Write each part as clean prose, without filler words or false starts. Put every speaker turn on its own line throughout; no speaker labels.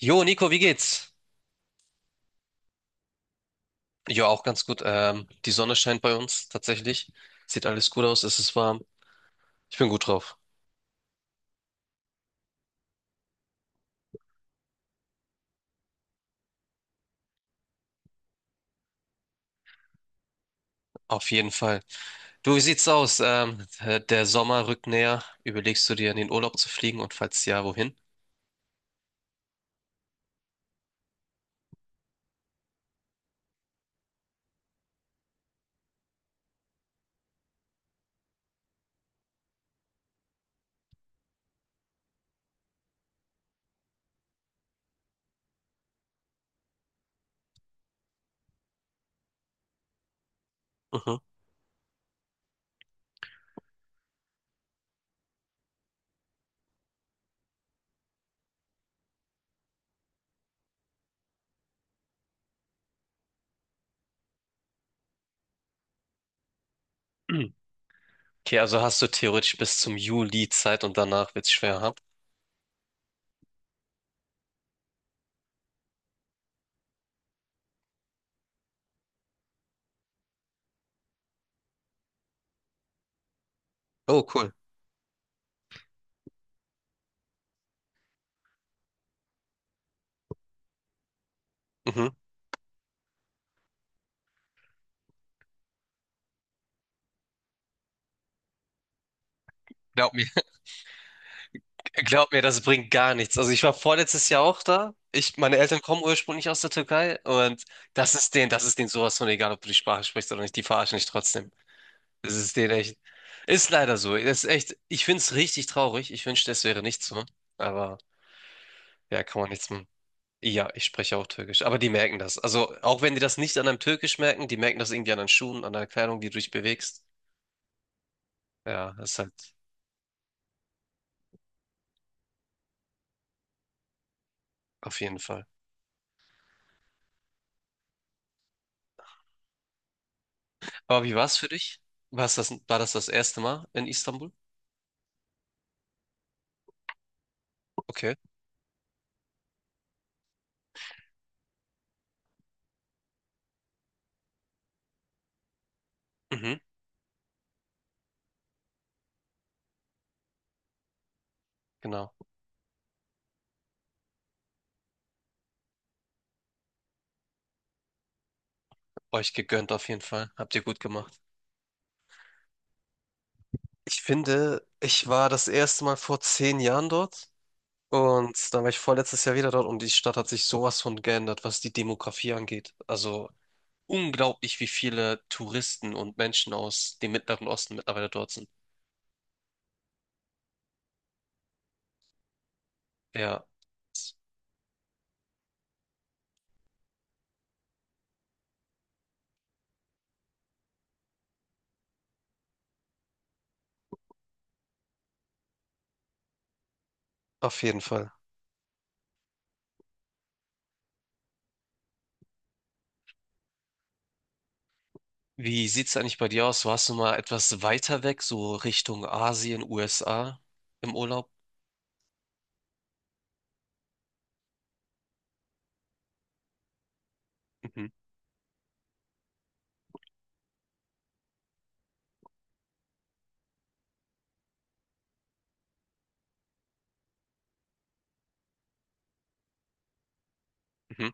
Jo, Nico, wie geht's? Jo, auch ganz gut. Die Sonne scheint bei uns tatsächlich. Sieht alles gut aus, es ist warm. Ich bin gut drauf. Auf jeden Fall. Du, wie sieht's aus? Der Sommer rückt näher. Überlegst du dir, in den Urlaub zu fliegen und falls ja, wohin? Mhm. Hm. Okay, also hast du theoretisch bis zum Juli Zeit und danach wird's schwer haben. Oh, cool. Mhm. Glaub mir. Glaub mir, das bringt gar nichts. Also ich war vorletztes Jahr auch da. Ich, meine Eltern kommen ursprünglich aus der Türkei und das ist denen sowas von egal, ob du die Sprache sprichst oder nicht, die verarschen dich trotzdem. Das ist denen echt. Ist leider so. Das ist echt, ich find's richtig traurig. Ich wünschte, es wäre nicht so. Aber. Ja, kann man nichts machen. Ja, ich spreche auch Türkisch. Aber die merken das. Also, auch wenn die das nicht an einem Türkisch merken, die merken das irgendwie an deinen Schuhen, an der Kleidung, die du dich bewegst. Ja, das ist halt auf jeden Fall. Aber wie war es für dich? War's das, war das das erste Mal in Istanbul? Okay. Mhm, genau. Euch gegönnt auf jeden Fall. Habt ihr gut gemacht. Ich finde, ich war das erste Mal vor 10 Jahren dort und dann war ich vorletztes Jahr wieder dort und die Stadt hat sich sowas von geändert, was die Demografie angeht. Also unglaublich, wie viele Touristen und Menschen aus dem Mittleren Osten mittlerweile dort sind. Ja, auf jeden Fall. Wie sieht's eigentlich bei dir aus? Warst du mal etwas weiter weg, so Richtung Asien, USA im Urlaub? Mhm, mhm.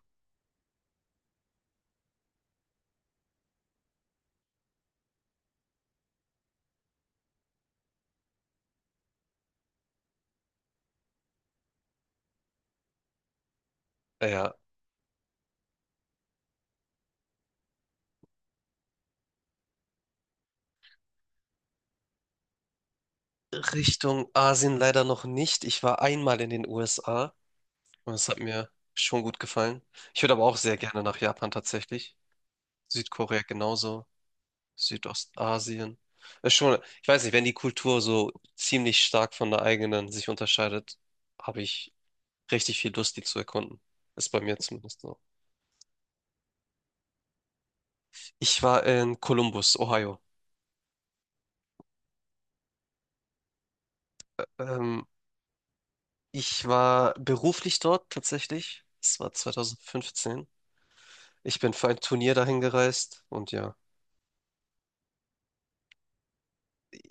Ja, Richtung Asien leider noch nicht. Ich war einmal in den USA und es hat mir schon gut gefallen. Ich würde aber auch sehr gerne nach Japan tatsächlich. Südkorea genauso. Südostasien. Ist schon, ich weiß nicht, wenn die Kultur so ziemlich stark von der eigenen sich unterscheidet, habe ich richtig viel Lust, die zu erkunden. Ist bei mir zumindest so. Ich war in Columbus, Ohio. Ähm, ich war beruflich dort tatsächlich. Es war 2015. Ich bin für ein Turnier dahin gereist und ja,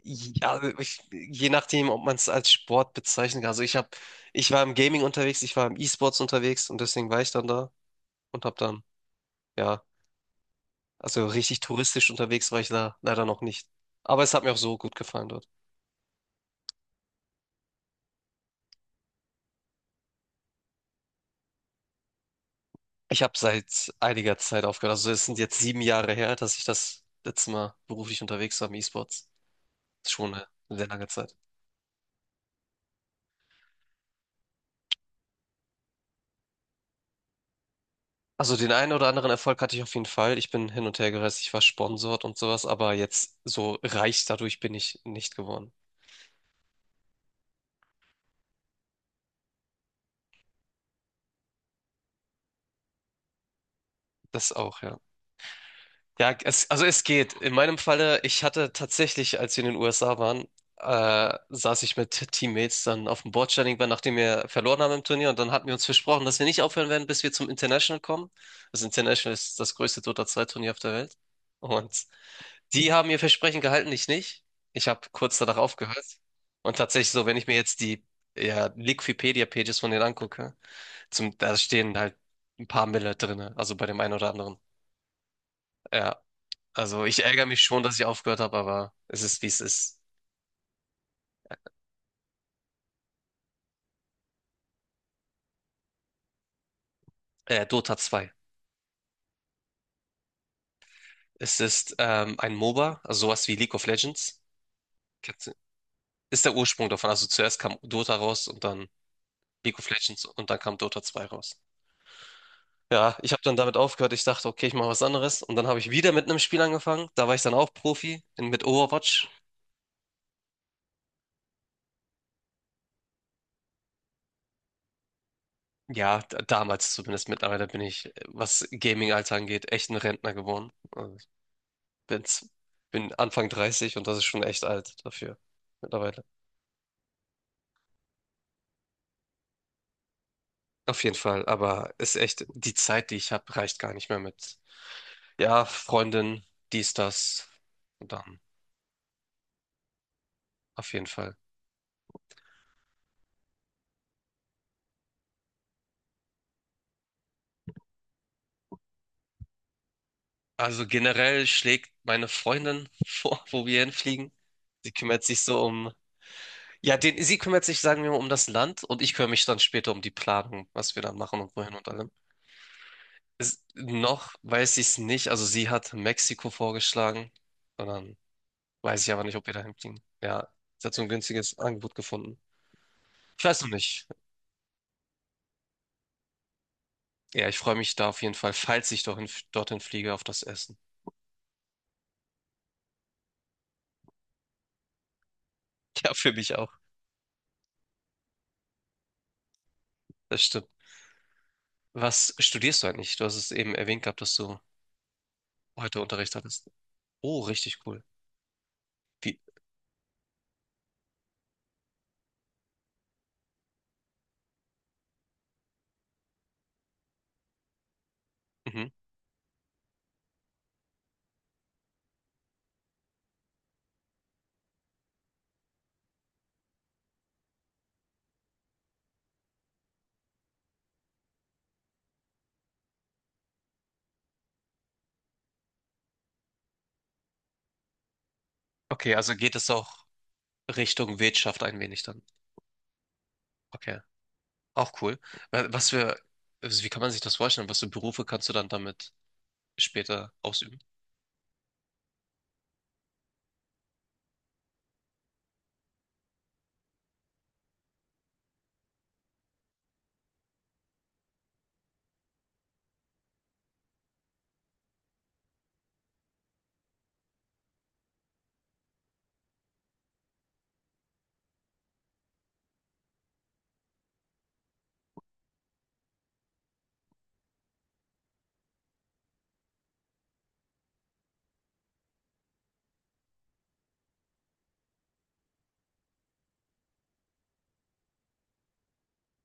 ja ich, je nachdem, ob man es als Sport bezeichnen kann. Also ich habe, ich war im Gaming unterwegs, ich war im E-Sports unterwegs und deswegen war ich dann da und habe dann ja. Also richtig touristisch unterwegs war ich da leider noch nicht. Aber es hat mir auch so gut gefallen dort. Ich habe seit einiger Zeit aufgehört. Also es sind jetzt 7 Jahre her, dass ich das letzte Mal beruflich unterwegs war im E-Sports. Ist schon eine sehr lange Zeit. Also den einen oder anderen Erfolg hatte ich auf jeden Fall. Ich bin hin und her gereist, ich war sponsort und sowas, aber jetzt so reich dadurch bin ich nicht geworden. Das auch, ja. Ja, es, also es geht. In meinem Falle, ich hatte tatsächlich, als wir in den USA waren, saß ich mit Teammates dann auf dem Bordstein irgendwann, nachdem wir verloren haben im Turnier. Und dann hatten wir uns versprochen, dass wir nicht aufhören werden, bis wir zum International kommen. Das International ist das größte Dota 2-Turnier auf der Welt. Und die haben ihr Versprechen gehalten, ich nicht. Ich habe kurz danach aufgehört. Und tatsächlich so, wenn ich mir jetzt die ja, Liquipedia-Pages von denen angucke, zum, da stehen halt ein paar Mille drinne, also bei dem einen oder anderen. Ja, also ich ärgere mich schon, dass ich aufgehört habe, aber es ist, wie es ist. Dota 2. Es ist ein MOBA, also sowas wie League of Legends. Kennst du- Ist der Ursprung davon. Also zuerst kam Dota raus und dann League of Legends und dann kam Dota 2 raus. Ja, ich habe dann damit aufgehört. Ich dachte, okay, ich mache was anderes. Und dann habe ich wieder mit einem Spiel angefangen. Da war ich dann auch Profi in, mit Overwatch. Ja, damals zumindest. Mittlerweile bin ich, was Gaming-Alter angeht, echt ein Rentner geworden. Also ich bin's, bin Anfang 30 und das ist schon echt alt dafür mittlerweile. Auf jeden Fall, aber ist echt, die Zeit, die ich habe, reicht gar nicht mehr mit, ja, Freundin, dies, das, und dann, auf jeden Fall. Also generell schlägt meine Freundin vor, wo wir hinfliegen. Sie kümmert sich so um, ja, den, sie kümmert sich, sagen wir mal, um das Land und ich kümmere mich dann später um die Planung, was wir dann machen und wohin und allem. Ist, noch weiß ich es nicht, also sie hat Mexiko vorgeschlagen, sondern weiß ich aber nicht, ob wir dahin fliegen. Ja, sie hat so ein günstiges Angebot gefunden. Ich weiß noch nicht. Ja, ich freue mich da auf jeden Fall, falls ich dorthin, dorthin fliege, auf das Essen. Ja, für mich auch. Das stimmt. Was studierst du eigentlich? Du hast es eben erwähnt gehabt, dass du heute Unterricht hattest. Oh, richtig cool. Wie? Mhm. Okay, also geht es auch Richtung Wirtschaft ein wenig dann. Okay, auch cool. Was für, also wie kann man sich das vorstellen? Was für Berufe kannst du dann damit später ausüben?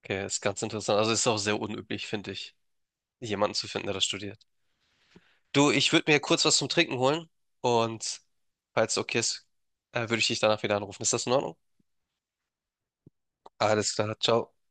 Okay, ist ganz interessant. Also ist auch sehr unüblich, finde ich, jemanden zu finden, der das studiert. Du, ich würde mir kurz was zum Trinken holen und falls es okay ist, würde ich dich danach wieder anrufen. Ist das in Ordnung? Alles klar, ciao.